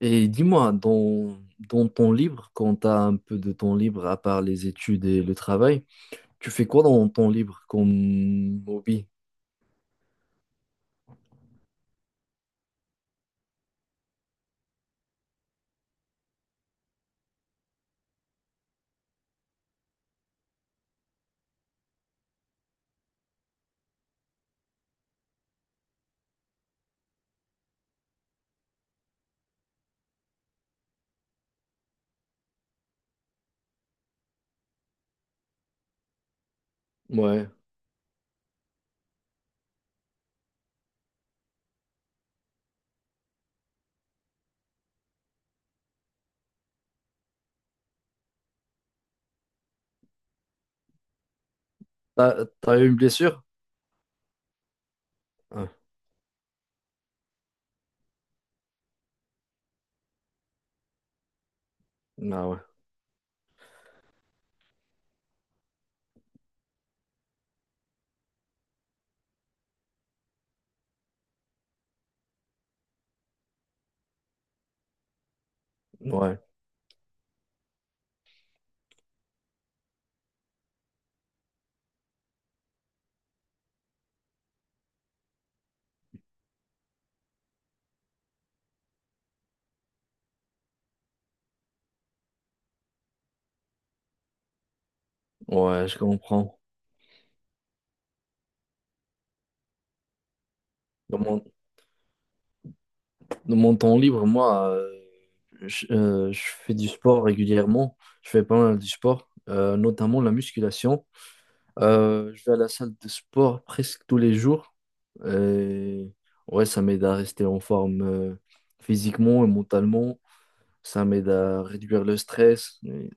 Et dis-moi, dans, dans ton libre, quand tu as un peu de temps libre, à part les études et le travail, tu fais quoi dans ton libre comme hobby? Ouais. T'as, t'as eu une blessure? Ah, ah ouais, ouais, ouais, je comprends. Dans mon, dans mon temps libre, moi, je fais du sport régulièrement. Je fais pas mal du sport, notamment la musculation. Je vais à la salle de sport presque tous les jours. Et ouais, ça m'aide à rester en forme physiquement et mentalement. Ça m'aide à réduire le stress. Et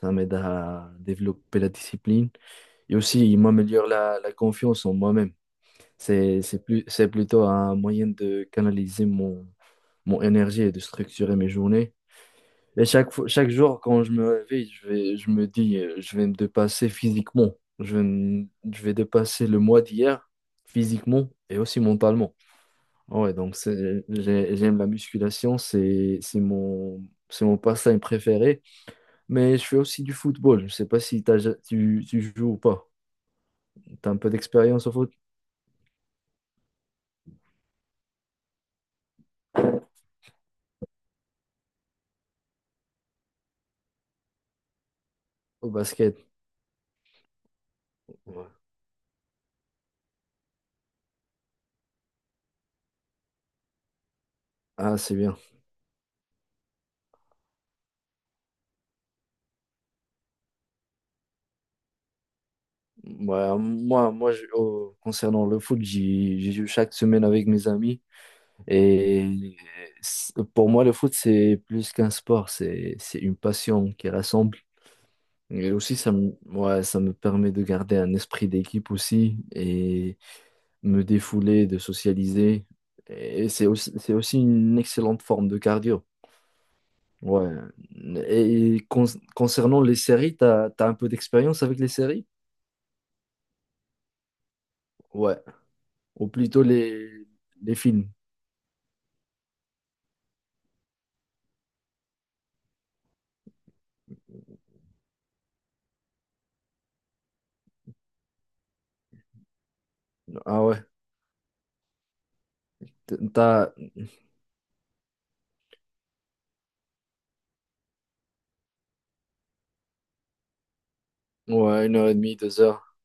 ça m'aide à développer la discipline. Et aussi, il m'améliore la, la confiance en moi-même. C'est plus, c'est plutôt un moyen de canaliser mon, mon énergie et de structurer mes journées. Et chaque fois, chaque jour, quand je me réveille, je vais, je me dis, je vais me dépasser physiquement. Je vais, je vais dépasser le mois d'hier physiquement et aussi mentalement. Ouais, donc j'aime la musculation, c'est mon passe-temps préféré. Mais je fais aussi du football. Je sais pas si tu, tu joues ou pas. T'as un peu d'expérience au foot, au basket. Ouais. Ah, c'est bien. Ouais, moi, moi, concernant le foot, j'y j'y joue chaque semaine avec mes amis. Et pour moi, le foot, c'est plus qu'un sport, c'est une passion qui rassemble. Et aussi, ça me, ouais, ça me permet de garder un esprit d'équipe aussi et me défouler, de socialiser. Et c'est aussi une excellente forme de cardio. Ouais. Et concernant les séries, t'as, t'as un peu d'expérience avec les séries? Ouais. Ou plutôt les films. Ah ouais. T'as, ouais, une heure et demie, deux heures.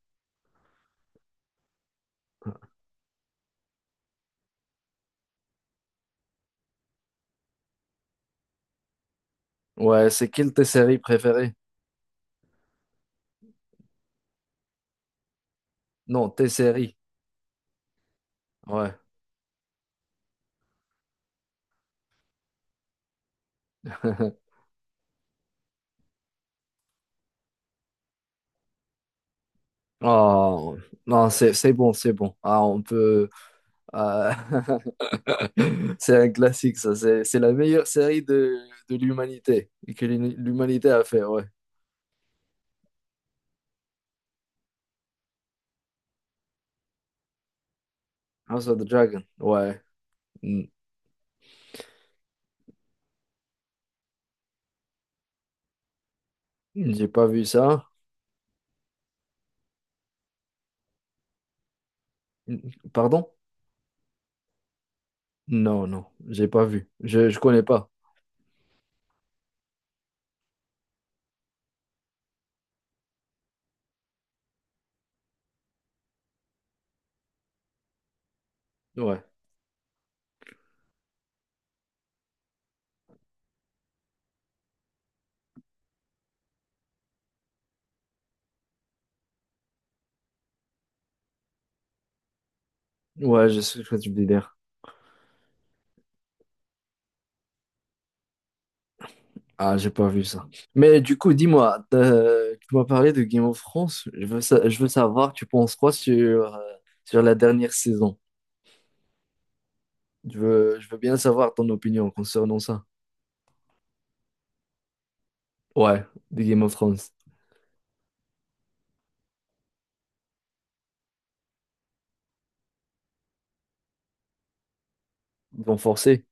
Ouais, c'est quelle tes séries préférées? Non, tes séries. Ouais. Oh, non, c'est bon, c'est bon. Ah, on peut. Ah, c'est un classique, ça. C'est la meilleure série de l'humanité et que l'humanité a fait, ouais. House of the Dragon, ouais. Hmm, j'ai pas vu ça. Hmm, pardon? Non, non, j'ai pas vu. Je connais pas. Ouais. Ouais, je sais ce que tu veux dire. Ah, j'ai pas vu ça. Mais du coup, dis-moi, tu m'as parlé de Game of Thrones. Je veux, je veux savoir, tu penses quoi sur, sur la dernière saison? Je veux bien savoir ton opinion concernant ça. Ouais, de Game of Thrones. Ils vont forcer.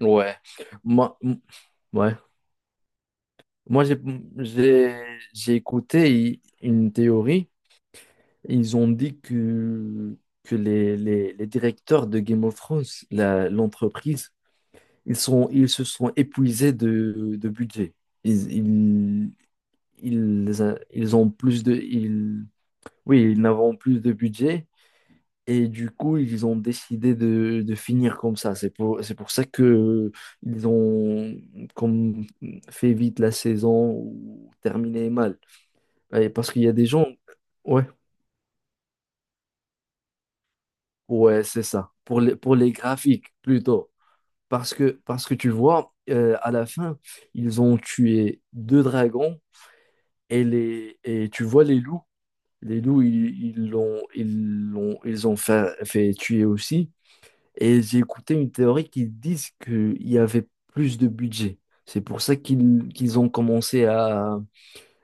Ouais. Moi, ouais. Moi, j'ai, j'ai écouté une théorie. Ils ont dit que les directeurs de Game of Thrones, l'entreprise, ils sont, ils se sont épuisés de budget. Ils, ils, ils, ils ont plus de, ils, oui, ils n'avaient plus de budget et du coup, ils ont décidé de finir comme ça. C'est pour ça que ils ont comme fait vite la saison ou terminé mal. Et parce qu'il y a des gens, ouais, ouais, c'est ça. Pour les graphiques plutôt. Parce que tu vois, à la fin, ils ont tué deux dragons. Et, les, et tu vois les loups. Les loups, ils ils l'ont, ils l'ont, ils ont fait, fait tuer aussi. Et j'ai écouté une théorie qui disent qu'il y avait plus de budget. C'est pour ça qu'ils ont commencé à,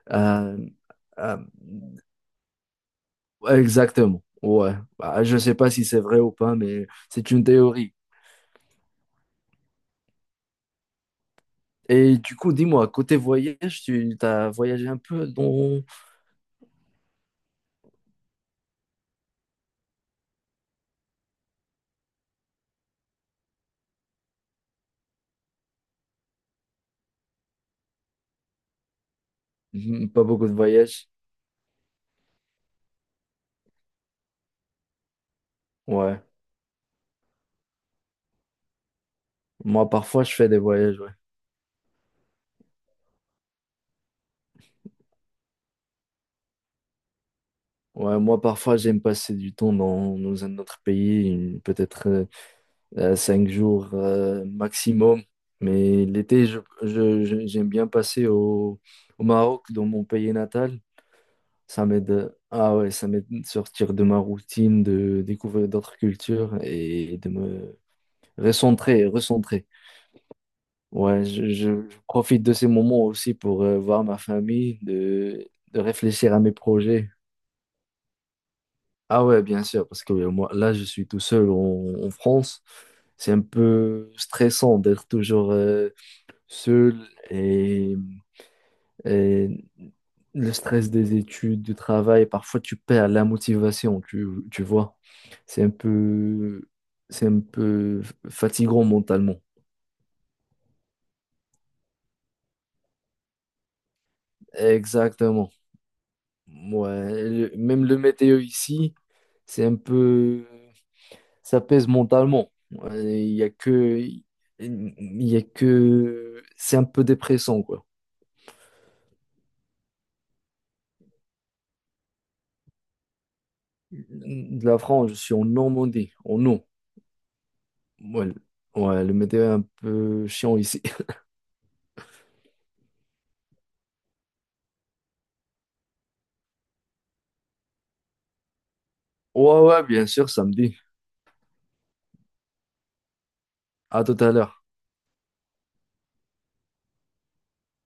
à- à- exactement. Ouais. Bah, je sais pas si c'est vrai ou pas, mais c'est une théorie. Et du coup, dis-moi, côté voyage, tu as voyagé un peu dans... Hmm, pas beaucoup de voyages. Ouais. Moi, parfois, je fais des voyages. Ouais. Ouais, moi, parfois, j'aime passer du temps dans, dans un autre pays, peut-être 5 jours maximum. Mais l'été, je, j'aime bien passer au, au Maroc, dans mon pays natal. Ça m'aide, ah ouais, ça m'aide de sortir de ma routine, de découvrir d'autres cultures et de me recentrer, recentrer. Ouais, je, je profite de ces moments aussi pour voir ma famille, de réfléchir à mes projets. Ah ouais, bien sûr, parce que moi, là, je suis tout seul en, en France. C'est un peu stressant d'être toujours seul et, et le stress des études, du travail, parfois tu perds la motivation, tu vois. C'est un peu, c'est un peu fatigant mentalement. Exactement. Ouais, le- même le météo ici, c'est un peu ça pèse mentalement. Il y a que, il y a que, c'est un peu dépressant quoi. De la France, je suis en Normandie, en eau. Ouais, ouais, le météo est un peu chiant ici. Ouais, ouais, bien sûr, samedi. À tout à l'heure.